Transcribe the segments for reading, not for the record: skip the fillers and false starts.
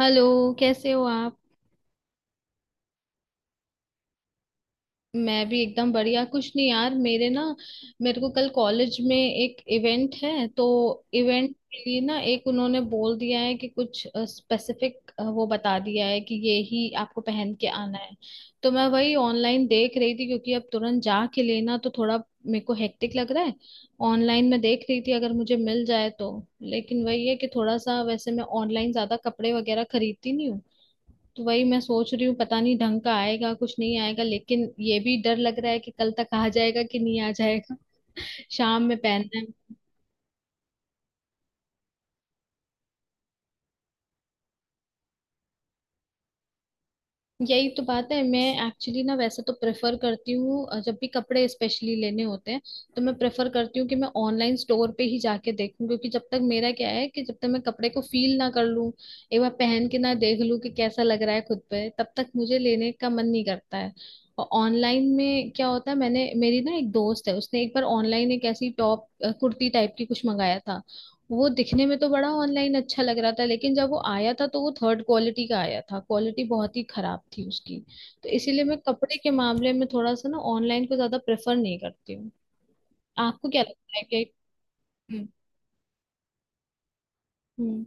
Hello. कैसे हो आप? मैं भी एकदम बढ़िया। कुछ नहीं यार, मेरे ना मेरे को कल कॉलेज में एक इवेंट है, तो इवेंट के लिए ना एक उन्होंने बोल दिया है कि कुछ स्पेसिफिक वो बता दिया है कि ये ही आपको पहन के आना है। तो मैं वही ऑनलाइन देख रही थी क्योंकि अब तुरंत जा के लेना तो थोड़ा मेरे को हेक्टिक लग रहा है। ऑनलाइन मैं देख रही थी अगर मुझे मिल जाए तो। लेकिन वही है कि थोड़ा सा वैसे मैं ऑनलाइन ज्यादा कपड़े वगैरह खरीदती नहीं हूँ। तो वही मैं सोच रही हूँ पता नहीं ढंग का आएगा कुछ नहीं आएगा, लेकिन ये भी डर लग रहा है कि कल तक आ जाएगा कि नहीं आ जाएगा। शाम में पहनना है। यही तो बात है। मैं एक्चुअली ना वैसे तो प्रेफर करती हूँ जब भी कपड़े स्पेशली लेने होते हैं तो मैं प्रेफर करती हूँ कि मैं ऑनलाइन स्टोर पे ही जाके देखूँ, क्योंकि जब तक मेरा क्या है कि जब तक मैं कपड़े को फील ना कर लूँ, एक बार पहन के ना देख लूँ कि कैसा लग रहा है खुद पे, तब तक मुझे लेने का मन नहीं करता है। और ऑनलाइन में क्या होता है, मैंने मेरी ना एक दोस्त है, उसने एक बार ऑनलाइन एक ऐसी टॉप कुर्ती टाइप की कुछ मंगाया था। वो दिखने में तो बड़ा ऑनलाइन अच्छा लग रहा था लेकिन जब वो आया था तो वो थर्ड क्वालिटी का आया था, क्वालिटी बहुत ही खराब थी उसकी। तो इसीलिए मैं कपड़े के मामले में थोड़ा सा ना ऑनलाइन को ज्यादा प्रेफर नहीं करती हूँ। आपको क्या लगता है कि... हम्म। हम्म।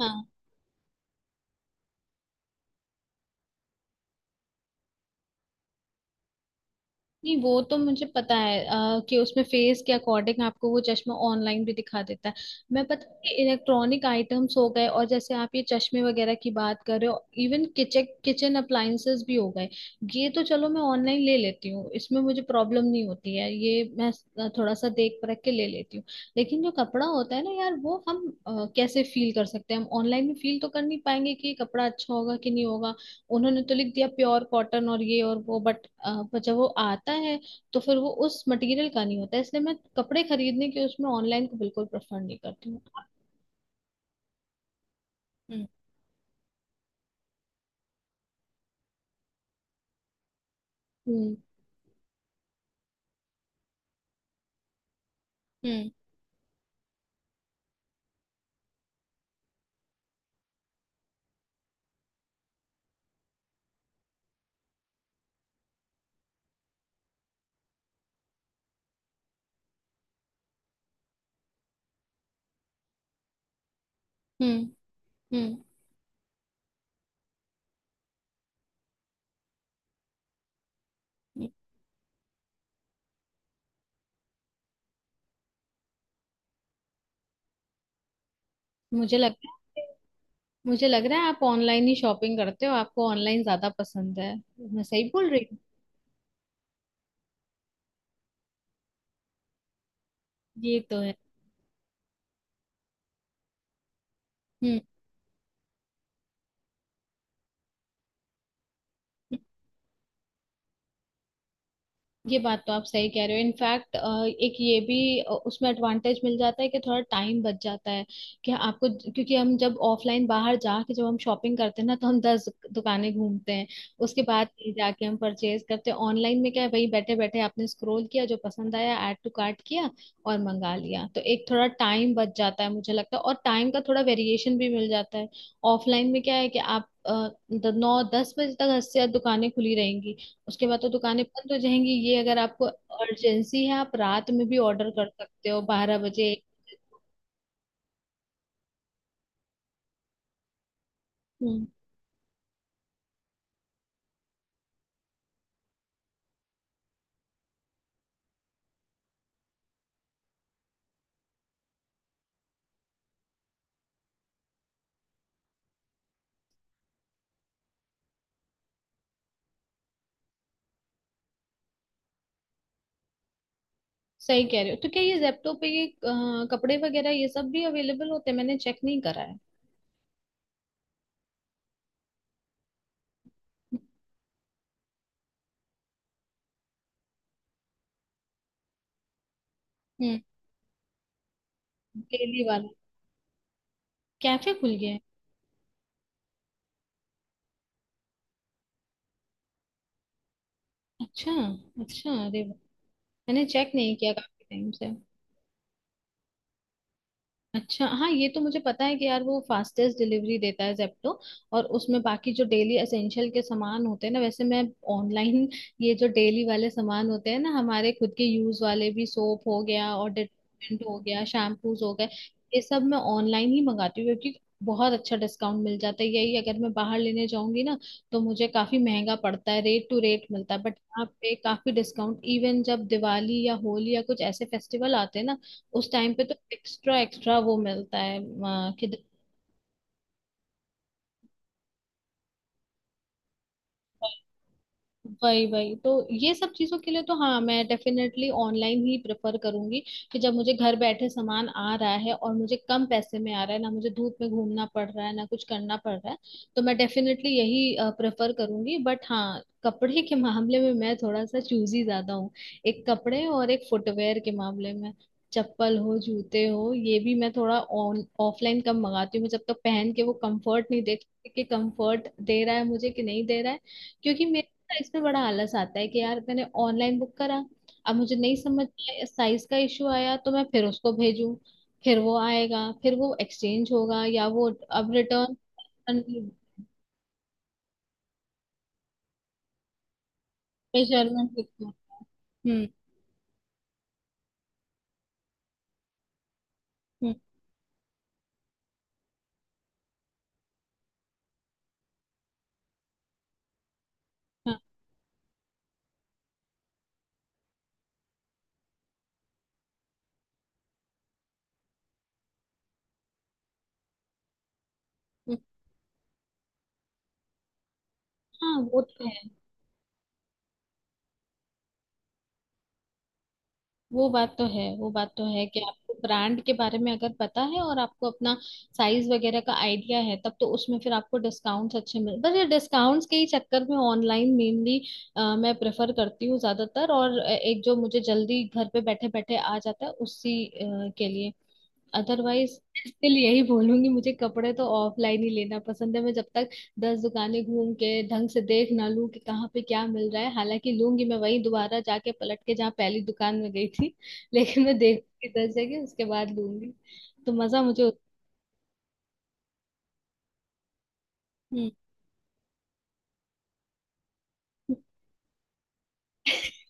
हाँ। नहीं वो तो मुझे पता है कि उसमें फेस के अकॉर्डिंग आपको वो चश्मा ऑनलाइन भी दिखा देता है। मैं पता है इलेक्ट्रॉनिक आइटम्स हो गए, और जैसे आप ये चश्मे वगैरह की बात कर रहे हो, इवन किचन किचन अप्लाइंसेस भी हो गए। ये तो चलो मैं ऑनलाइन ले लेती हूँ, इसमें मुझे प्रॉब्लम नहीं होती है, ये मैं थोड़ा सा देख परख के ले लेती हूँ। लेकिन जो कपड़ा होता है ना यार, वो हम कैसे फील कर सकते हैं? हम ऑनलाइन में फील तो कर नहीं पाएंगे कि ये कपड़ा अच्छा होगा कि नहीं होगा। उन्होंने तो लिख दिया प्योर कॉटन और ये और वो, बट जब वो आता है तो फिर वो उस मटेरियल का नहीं होता है। इसलिए मैं कपड़े खरीदने के उसमें ऑनलाइन को बिल्कुल प्रेफर नहीं करती हूँ। हम्म। हम्म। हम्म। हम्म। हम्म। मुझे लगता है मुझे लग रहा है आप ऑनलाइन ही शॉपिंग करते हो, आपको ऑनलाइन ज्यादा पसंद है। मैं सही बोल रही हूँ? ये तो है। हम्म। ये बात तो आप सही कह रहे हो। इनफैक्ट एक ये भी उसमें एडवांटेज मिल जाता है कि थोड़ा टाइम बच जाता है कि आपको, क्योंकि हम जब ऑफलाइन बाहर जाके जब हम शॉपिंग करते हैं ना, तो हम 10 दुकानें घूमते हैं, उसके बाद ही जाके हम परचेज करते हैं। ऑनलाइन में क्या है, वही बैठे बैठे आपने स्क्रॉल किया, जो पसंद आया ऐड टू कार्ट किया और मंगा लिया, तो एक थोड़ा टाइम बच जाता है मुझे लगता है, और टाइम का थोड़ा वेरिएशन भी मिल जाता है। ऑफलाइन में क्या है कि आप 9-10 बजे तक 80 दुकानें खुली रहेंगी, उसके बाद तो दुकानें बंद हो जाएंगी। ये अगर आपको अर्जेंसी है, आप रात में भी ऑर्डर कर सकते हो, 12 बजे। हम्म। सही कह रहे हो, तो क्या ये जेप्टो पे ये कपड़े वगैरह ये सब भी अवेलेबल होते हैं? मैंने चेक नहीं करा है। हम्म। डेली वाला कैफे खुल गया है? अच्छा। अच्छा, अरे वाह! मैंने चेक नहीं किया काफी टाइम से। अच्छा हाँ, ये तो मुझे पता है कि यार वो फास्टेस्ट डिलीवरी देता है जेप्टो। और उसमें बाकी जो डेली एसेंशियल के सामान होते हैं ना, वैसे मैं ऑनलाइन ये जो डेली वाले सामान होते हैं ना हमारे खुद के यूज वाले, भी सोप हो गया और डिटर्जेंट हो गया, शैम्पूज हो गए, ये सब मैं ऑनलाइन ही मंगाती हूँ, क्योंकि बहुत अच्छा डिस्काउंट मिल जाता है। यही अगर मैं बाहर लेने जाऊंगी ना तो मुझे काफी महंगा पड़ता है, रेट टू रेट मिलता है। बट यहाँ पे काफी डिस्काउंट, इवन जब दिवाली या होली या कुछ ऐसे फेस्टिवल आते हैं ना, उस टाइम पे तो एक्स्ट्रा एक्स्ट्रा वो मिलता है कि... वही वही तो, ये सब चीजों के लिए तो हाँ मैं डेफिनेटली ऑनलाइन ही प्रेफर करूंगी। कि जब मुझे घर बैठे सामान आ रहा है और मुझे कम पैसे में आ रहा है, ना मुझे धूप में घूमना पड़ रहा है ना कुछ करना पड़ रहा है, तो मैं डेफिनेटली यही प्रेफर करूंगी। बट हाँ, कपड़े के मामले में मैं थोड़ा सा चूजी ज्यादा हूँ। एक कपड़े और एक फुटवेयर के मामले में, चप्पल हो जूते हो, ये भी मैं थोड़ा ऑन ऑफलाइन कम मंगाती हूँ। मैं जब तक पहन के वो कंफर्ट नहीं देखती कि कंफर्ट दे रहा है मुझे कि नहीं दे रहा है, क्योंकि इसमें बड़ा आलस आता है कि यार मैंने ऑनलाइन बुक करा, अब मुझे नहीं समझ में साइज का इशू आया तो मैं फिर उसको भेजूं, फिर वो आएगा, फिर वो एक्सचेंज होगा या वो अब रिटर्न। मेजरमेंट, हम्म। हम्म। हाँ। हम्म। हाँ, वो तो है। वो बात तो है वो बात तो है कि आपको ब्रांड के बारे में अगर पता है और आपको अपना साइज वगैरह का आइडिया है, तब तो उसमें फिर आपको डिस्काउंट्स अच्छे मिल, बस ये डिस्काउंट्स के ही चक्कर में ऑनलाइन मेनली मैं प्रेफर करती हूँ ज्यादातर, और एक जो मुझे जल्दी घर पे बैठे बैठे आ जाता है उसी के लिए। अदरवाइज स्टिल यही बोलूंगी, मुझे कपड़े तो ऑफलाइन ही लेना पसंद है। मैं जब तक 10 दुकानें घूम के ढंग से देख ना लूं कि कहाँ पे क्या मिल रहा है, हालांकि लूंगी मैं वहीं दोबारा जाके पलट के जहाँ पहली दुकान में गई थी लेकिन मैं देखूंगी 10 जगह, उसके बाद लूंगी, तो मजा मुझे। हम्म।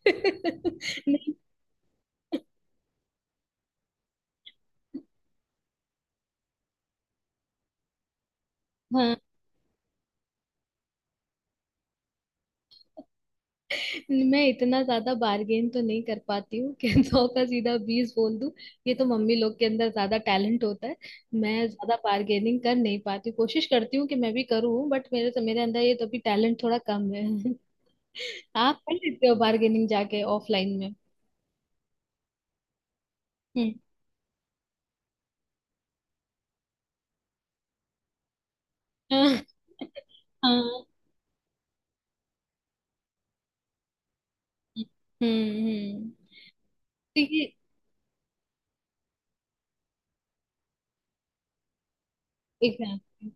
नहीं। हाँ, मैं इतना ज्यादा बार्गेन तो नहीं कर पाती हूँ कि 100 का सीधा 20 बोल दूं, ये तो मम्मी लोग के अंदर ज्यादा टैलेंट होता है। मैं ज्यादा बार्गेनिंग कर नहीं पाती, कोशिश करती हूँ कि मैं भी करूँ बट मेरे से, मेरे अंदर ये तो भी टैलेंट थोड़ा कम है। आप कर लेते हो बार्गेनिंग जाके ऑफलाइन में? हम्म। हाँ। हाँ। हम्म। हम्म। ठीक है। एग्जैक्टली।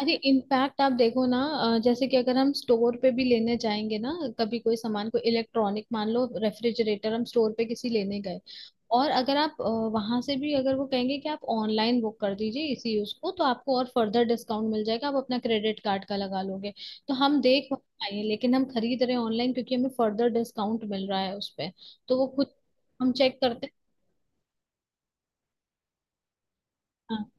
अरे इम्पैक्ट आप देखो ना, जैसे कि अगर हम स्टोर पे भी लेने जाएंगे ना, कभी कोई सामान, कोई इलेक्ट्रॉनिक मान लो रेफ्रिजरेटर हम स्टोर पे किसी लेने गए, और अगर आप वहां से भी, अगर वो कहेंगे कि आप ऑनलाइन बुक कर दीजिए इसी यूज को तो आपको और फर्दर डिस्काउंट मिल जाएगा, आप अपना क्रेडिट कार्ड का लगा लोगे, तो हम देख वहाँ पाएंगे लेकिन हम खरीद रहे हैं ऑनलाइन क्योंकि हमें फर्दर डिस्काउंट मिल रहा है उस पे। तो वो खुद हम चेक करते हैं। हाँ हाँ।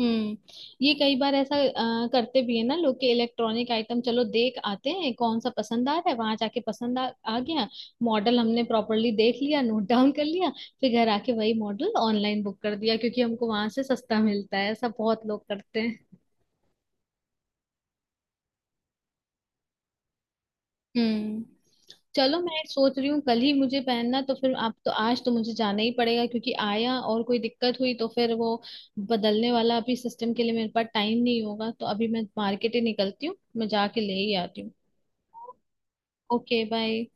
हम्म। ये कई बार ऐसा करते भी है ना लोग, के इलेक्ट्रॉनिक आइटम चलो देख आते हैं कौन सा पसंद आ रहा है, वहां जाके पसंद आ गया, मॉडल हमने प्रॉपरली देख लिया, नोट डाउन कर लिया, फिर घर आके वही मॉडल ऑनलाइन बुक कर दिया क्योंकि हमको वहां से सस्ता मिलता है, ऐसा बहुत लोग करते हैं। हम्म। चलो मैं सोच रही हूँ कल ही मुझे पहनना, तो फिर आप तो आज तो मुझे जाना ही पड़ेगा क्योंकि आया और कोई दिक्कत हुई तो फिर वो बदलने वाला अभी सिस्टम के लिए मेरे पास टाइम नहीं होगा, तो अभी मैं मार्केट ही निकलती हूँ, मैं जाके ले ही आती हूँ। Okay bye.